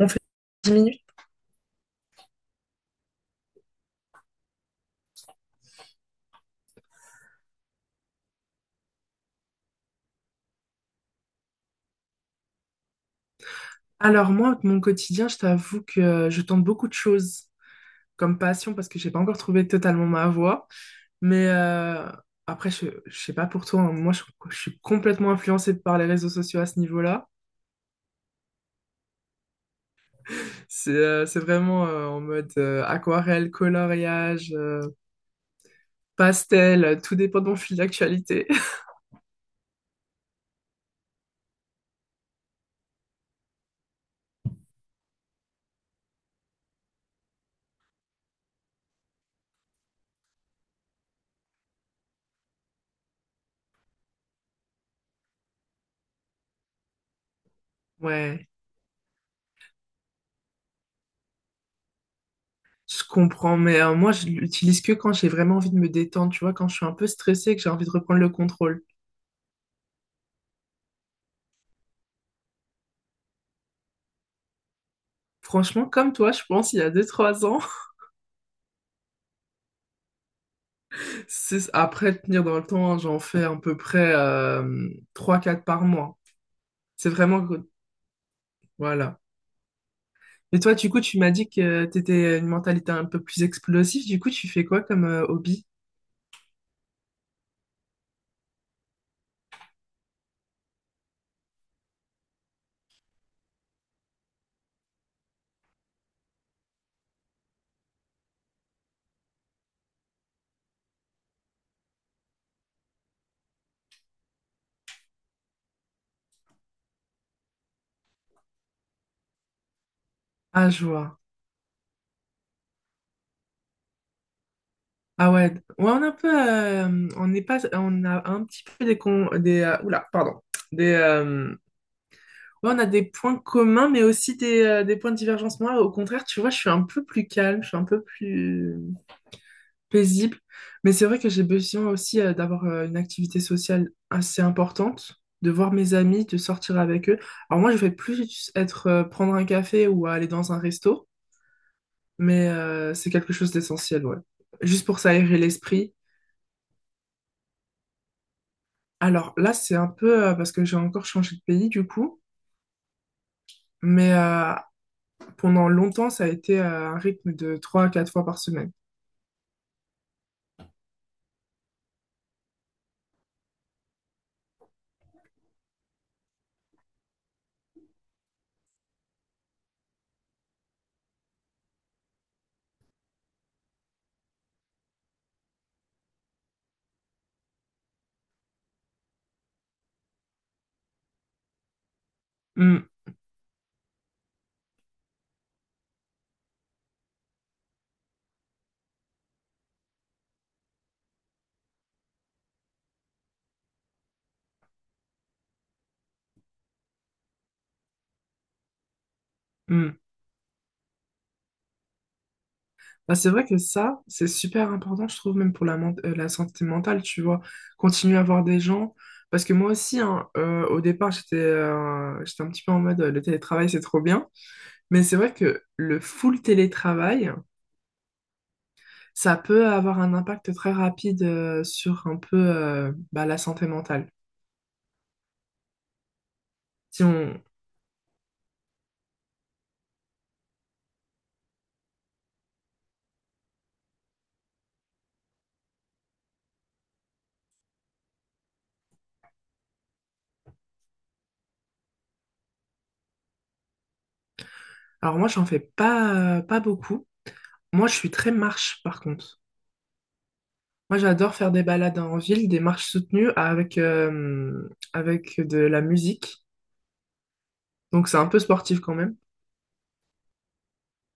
On fait 10 minutes? Alors moi, mon quotidien, je t'avoue que je tente beaucoup de choses comme passion parce que j'ai pas encore trouvé totalement ma voie. Mais euh, après, je sais pas pour toi, hein, je suis complètement influencée par les réseaux sociaux à ce niveau-là. C'est vraiment en mode aquarelle, coloriage, pastel, tout dépend de mon fil d'actualité. Ouais, je comprends, mais moi je l'utilise que quand j'ai vraiment envie de me détendre, tu vois, quand je suis un peu stressée et que j'ai envie de reprendre le contrôle. Franchement, comme toi, je pense, il y a deux trois ans. C'est après tenir dans le temps, j'en fais à peu près trois quatre par mois. C'est vraiment good. Voilà. Et toi, du coup, tu m'as dit que tu étais une mentalité un peu plus explosive. Du coup, tu fais quoi comme hobby? Ah, je vois. Ah ouais. Ouais, on a un peu, on n'est pas, on a un petit peu oula, pardon, des, euh, ouais, on a des points communs, mais aussi des points de divergence. Moi, au contraire, tu vois, je suis un peu plus calme, je suis un peu plus paisible. Mais c'est vrai que j'ai besoin aussi d'avoir une activité sociale assez importante, de voir mes amis, de sortir avec eux. Alors moi, je vais plus être prendre un café ou aller dans un resto, mais c'est quelque chose d'essentiel, ouais. Juste pour s'aérer l'esprit. Alors là, c'est un peu parce que j'ai encore changé de pays du coup, mais pendant longtemps, ça a été un rythme de 3 à 4 fois par semaine. Mm, mm. Bah, c'est vrai que ça, c'est super important, je trouve, même pour la, la santé mentale, tu vois. Continuer à voir des gens. Parce que moi aussi, hein, au départ, j'étais j'étais un petit peu en mode le télétravail, c'est trop bien. Mais c'est vrai que le full télétravail, ça peut avoir un impact très rapide sur un peu bah, la santé mentale. Si on... Alors moi, j'en fais pas, pas beaucoup. Moi, je suis très marche, par contre. Moi, j'adore faire des balades en ville, des marches soutenues avec, avec de la musique. Donc c'est un peu sportif quand même.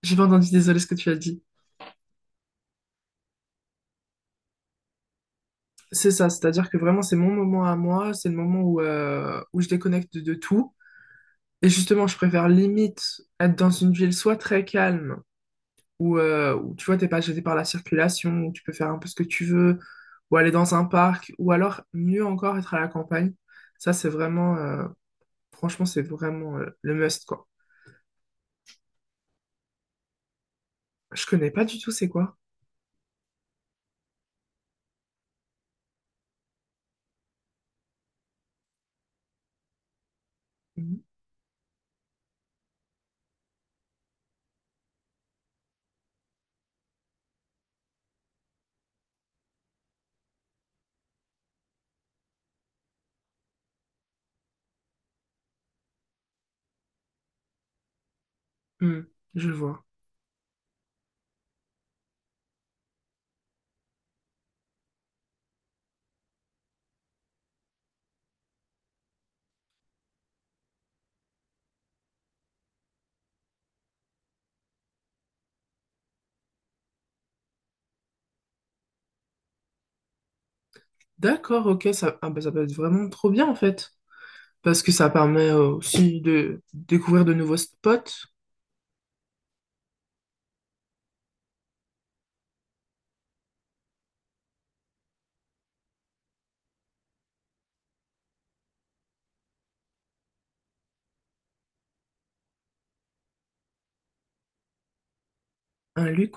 J'ai pas entendu, désolé ce que tu as dit. C'est ça, c'est-à-dire que vraiment c'est mon moment à moi, c'est le moment où je déconnecte de, tout. Et justement, je préfère limite être dans une ville soit très calme, où tu vois, t'es pas gêné par la circulation, où tu peux faire un peu ce que tu veux, ou aller dans un parc, ou alors mieux encore être à la campagne. Ça, c'est vraiment, franchement, c'est vraiment le must, quoi. Je connais pas du tout c'est quoi. Mhm. Hmm, je vois. D'accord, ok, ça, ah, bah, ça peut être vraiment trop bien en fait. Parce que ça permet aussi de découvrir de nouveaux spots. Un lieu.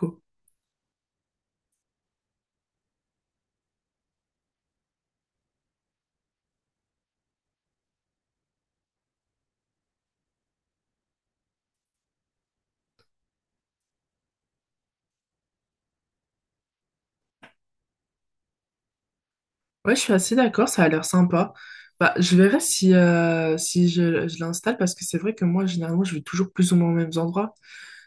Ouais, je suis assez d'accord, ça a l'air sympa. Bah, je verrai si, je l'installe parce que c'est vrai que moi, généralement, je vais toujours plus ou moins aux mêmes endroits.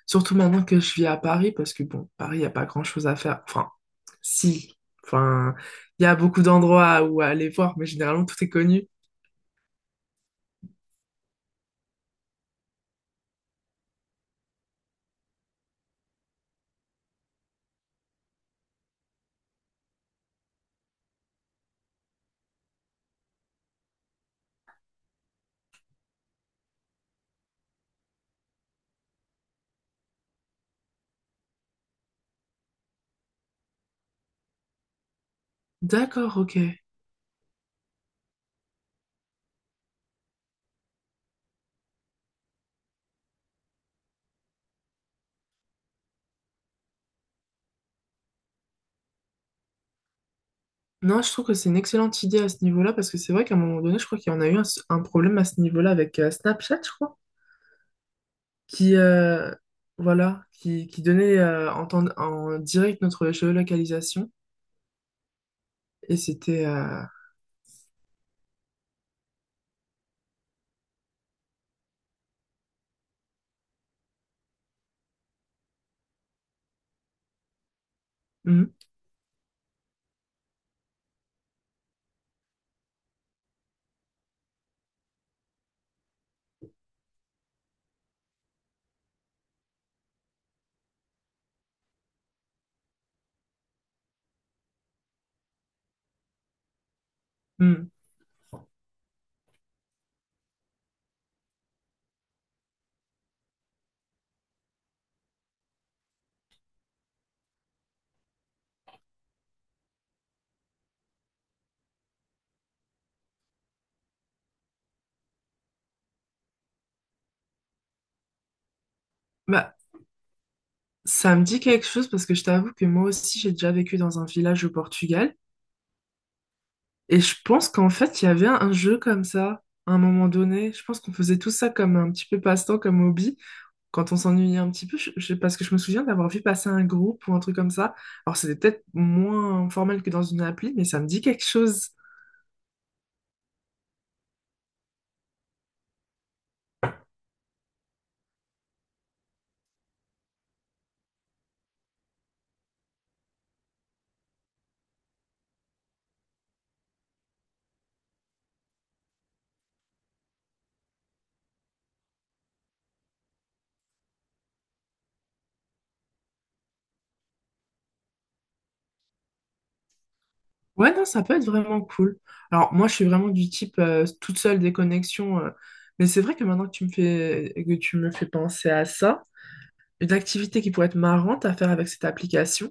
Surtout maintenant que je vis à Paris parce que, bon, Paris, il n'y a pas grand-chose à faire. Enfin, si. Enfin, il y a beaucoup d'endroits où aller voir, mais généralement, tout est connu. D'accord, ok. Non, je trouve que c'est une excellente idée à ce niveau-là parce que c'est vrai qu'à un moment donné, je crois qu'il y en a eu un problème à ce niveau-là avec Snapchat, je crois. Qui voilà qui donnait en direct notre géolocalisation et c'était mhm, mhm. Bah, ça me dit quelque chose parce que je t'avoue que moi aussi j'ai déjà vécu dans un village au Portugal et je pense qu'en fait il y avait un jeu comme ça à un moment donné, je pense qu'on faisait tout ça comme un petit peu passe-temps comme hobby quand on s'ennuyait un petit peu, parce que je me souviens d'avoir vu passer un groupe ou un truc comme ça, alors c'était peut-être moins formel que dans une appli, mais ça me dit quelque chose. Ouais, non, ça peut être vraiment cool. Alors, moi, je suis vraiment du type toute seule des connexions. Mais c'est vrai que maintenant que tu me fais, que tu me fais penser à ça, une activité qui pourrait être marrante à faire avec cette application,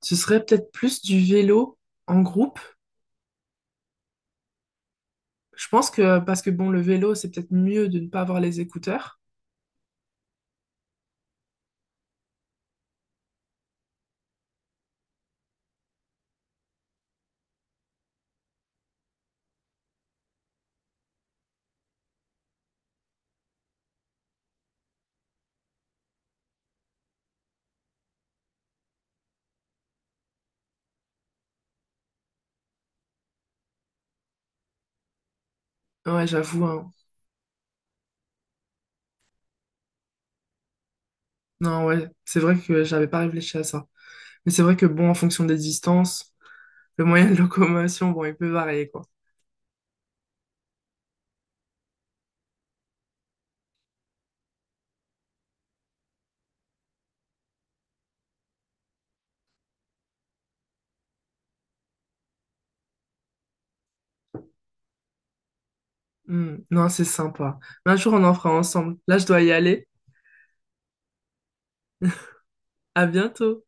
ce serait peut-être plus du vélo en groupe. Je pense que, parce que bon, le vélo, c'est peut-être mieux de ne pas avoir les écouteurs. Ouais, j'avoue, hein. Non, ouais, c'est vrai que j'avais pas réfléchi à ça. Mais c'est vrai que bon, en fonction des distances, le moyen de locomotion, bon, il peut varier, quoi. Hmm, non, c'est sympa. Mais un jour, on en fera ensemble. Là, je dois y aller. À bientôt.